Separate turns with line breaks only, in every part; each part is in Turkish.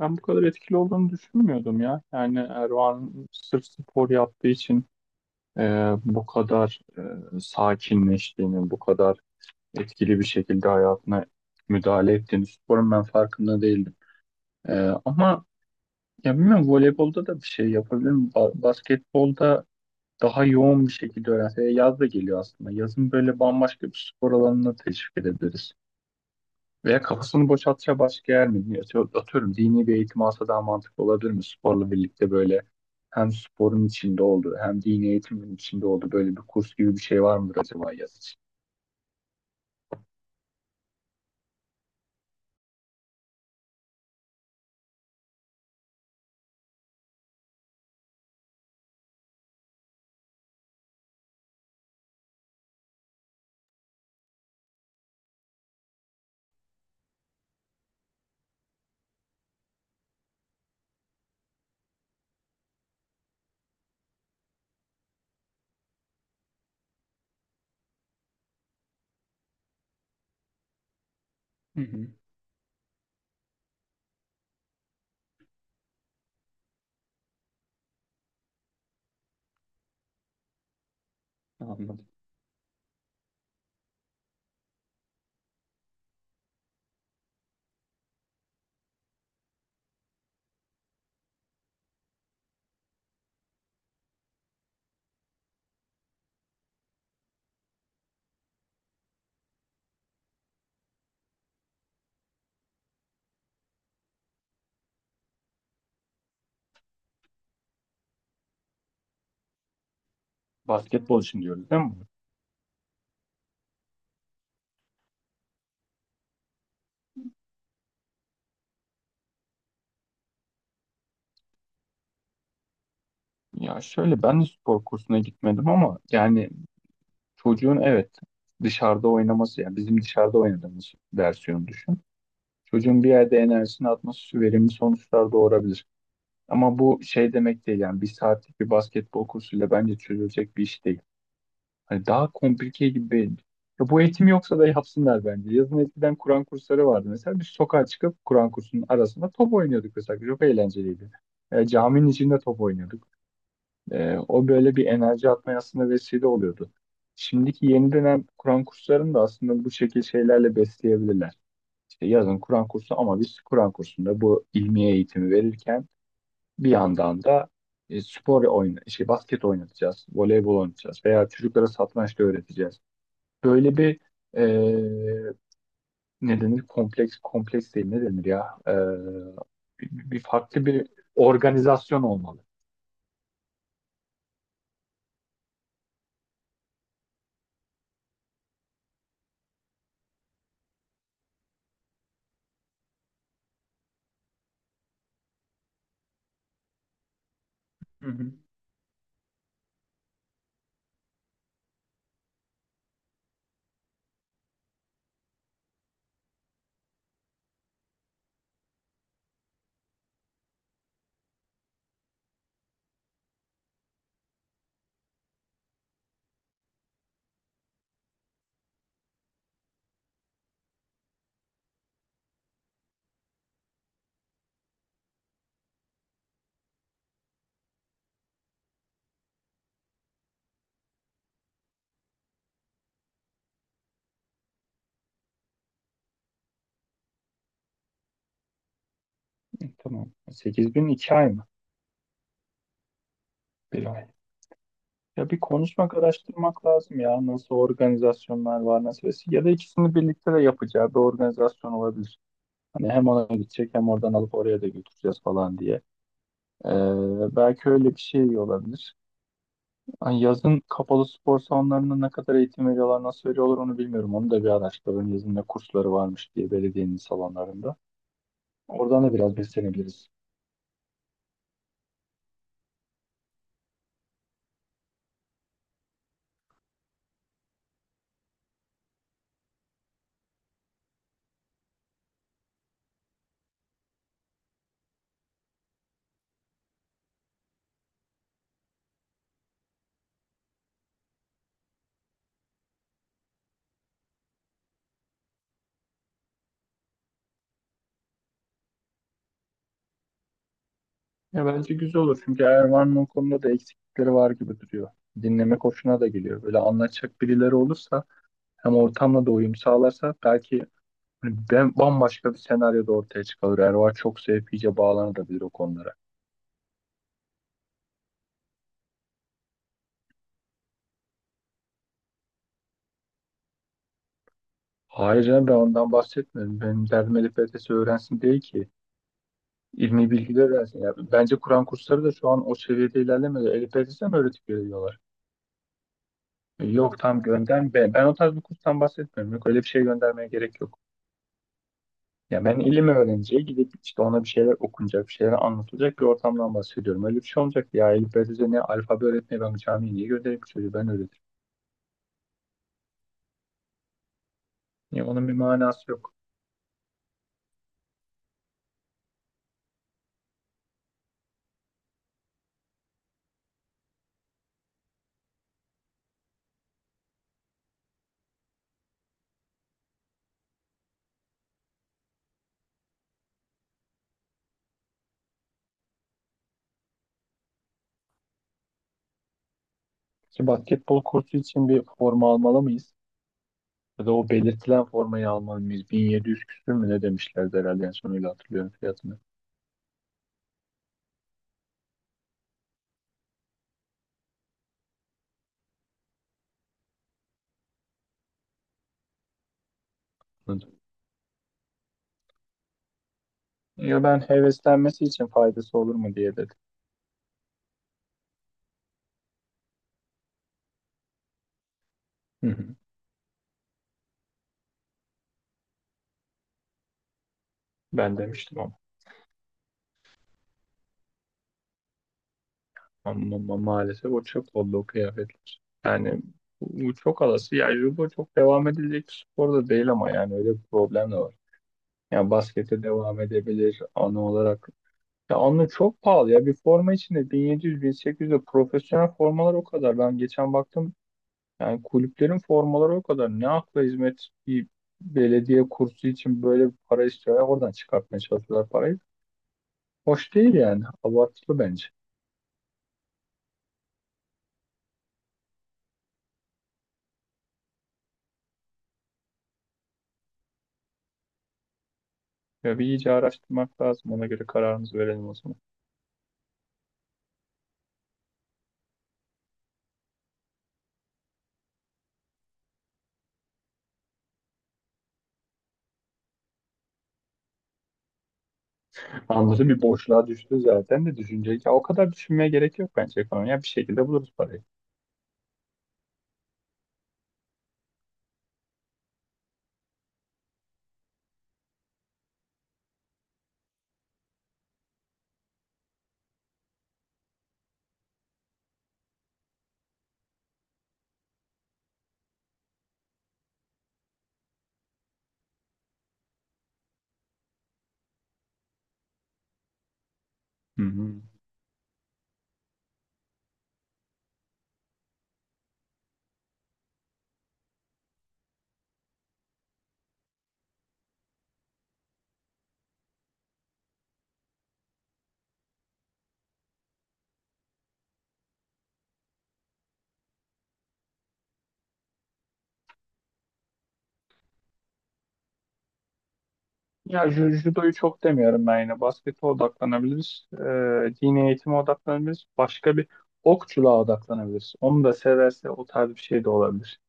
Ben bu kadar etkili olduğunu düşünmüyordum ya. Yani Erdoğan sırf spor yaptığı için e, bu kadar sakinleştiğini, bu kadar etkili bir şekilde hayatına müdahale ettiğini, sporun ben farkında değildim. E, ama ya bilmiyorum voleybolda da bir şey yapabilirim. Basketbolda daha yoğun bir şekilde öğrense. Yaz da geliyor aslında. Yazın böyle bambaşka bir spor alanına teşvik edebiliriz. Veya kafasını boşaltacağı başka yer mi? Atıyorum, dini bir eğitim alsa daha mantıklı olabilir mi? Sporla birlikte böyle hem sporun içinde olduğu hem dini eğitimin içinde olduğu böyle bir kurs gibi bir şey var mıdır acaba yaz için? Hı hı, anladım. Basketbol için diyoruz, değil mi? Ya şöyle, ben de spor kursuna gitmedim ama yani çocuğun, evet, dışarıda oynaması, yani bizim dışarıda oynadığımız versiyonu düşün. Çocuğun bir yerde enerjisini atması verimli sonuçlar doğurabilir. Ama bu şey demek değil, yani bir saatlik bir basketbol kursuyla bence çözülecek bir iş değil. Hani daha komplike gibi benim. Ya bu eğitim yoksa da yapsınlar bence. Yazın eskiden Kur'an kursları vardı mesela. Biz sokağa çıkıp Kur'an kursunun arasında top oynuyorduk mesela. Çok eğlenceliydi. Caminin içinde top oynuyorduk. O böyle bir enerji atmaya aslında vesile oluyordu. Şimdiki yeni dönem Kur'an kurslarını da aslında bu şekil şeylerle besleyebilirler. İşte yazın Kur'an kursu, ama biz Kur'an kursunda bu ilmiye eğitimi verirken bir yandan da spor oyna, işte basket oynatacağız, voleybol oynatacağız veya çocuklara satranç da öğreteceğiz. Böyle bir e, ne denir? Kompleks, kompleks değil, ne denir ya? Bir farklı bir organizasyon olmalı. Hı hı. Tamam. 8 bin 2 ay mı? Bir ay. Ya bir konuşmak, araştırmak lazım ya. Nasıl organizasyonlar var, nasıl ya da ikisini birlikte de yapacağı bir organizasyon olabilir. Hani hem ona gidecek hem oradan alıp oraya da götüreceğiz falan diye. Belki öyle bir şey olabilir. Ay, yazın kapalı spor salonlarında ne kadar eğitim veriyorlar, nasıl veriyorlar onu bilmiyorum. Onu da bir araştırın. Yazın ne kursları varmış diye belediyenin salonlarında. Oradan da biraz beslenebiliriz. Ya bence güzel olur çünkü Erman'ın o konuda da eksiklikleri var gibi duruyor. Dinlemek hoşuna da geliyor. Böyle anlatacak birileri olursa, hem ortamla da uyum sağlarsa, belki hani ben bambaşka bir senaryo da ortaya çıkar. Ervan çok sevip iyice bağlanabilir o konulara. Hayır canım, ben ondan bahsetmiyorum. Benim derdim Elif LTS öğrensin değil ki. İlmi bilgiler öğrensin. Ya, bence Kur'an kursları da şu an o seviyede ilerlemedi. Elif LTS'e mi öğretip veriyorlar? Yok tam gönder ben. Ben o tarz bir kurstan bahsetmiyorum. Yok, öyle bir şey göndermeye gerek yok. Ya ben ilim öğreneceği, gidip işte ona bir şeyler okunacak, bir şeyler anlatılacak bir ortamdan bahsediyorum. Öyle bir şey olacak ya. Elif LTS'e ne, alfabe öğretmeye ben camiye niye göndereyim ki? Çocuğu ben öğretirim. Ya, onun bir manası yok. Ki basketbol kursu için bir forma almalı mıyız? Ya da o belirtilen formayı alman 1700 küsür mü ne demişlerdi, herhalde en son öyle hatırlıyorum fiyatını. Hı. Ya ben heveslenmesi için faydası olur mu diye dedim. Hı hı. Ben demiştim ama. Ama maalesef o çöp oldu o kıyafetler. Yani bu çok alası. Ya judo çok devam edilecek bir spor da değil, ama yani öyle bir problem de var. Yani baskete devam edebilir anı olarak. Ya anı çok pahalı ya. Bir forma içinde 1700-1800 de, profesyonel formalar o kadar. Ben geçen baktım, yani kulüplerin formaları o kadar. Ne akla hizmet bir belediye kursu için böyle bir para istiyorlar. Oradan çıkartmaya çalışıyorlar parayı. Hoş değil yani. Abartılı bence. Ya bir iyice araştırmak lazım. Ona göre kararımızı verelim o zaman. Anladım, bir boşluğa düştü zaten de düşünce. Ya o kadar düşünmeye gerek yok bence ekonomi. Ya bir şekilde buluruz parayı. Hı hı. Ya judoyu çok demiyorum ben yine. Baskete odaklanabiliriz. Dini eğitime odaklanabiliriz. Başka bir, okçuluğa odaklanabiliriz. Onu da severse o tarz bir şey de olabilir.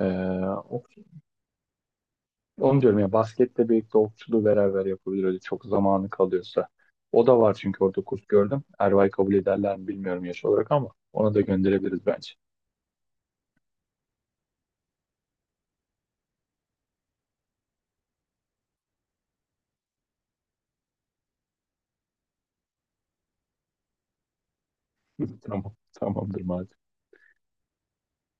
Ee, o- Onu diyorum ya, basketle birlikte okçuluğu beraber yapabilir öyle, çok zamanı kalıyorsa. O da var çünkü orada kurs gördüm. Erbay kabul ederler mi bilmiyorum yaş olarak, ama ona da gönderebiliriz bence. Tamam, tamamdır madem.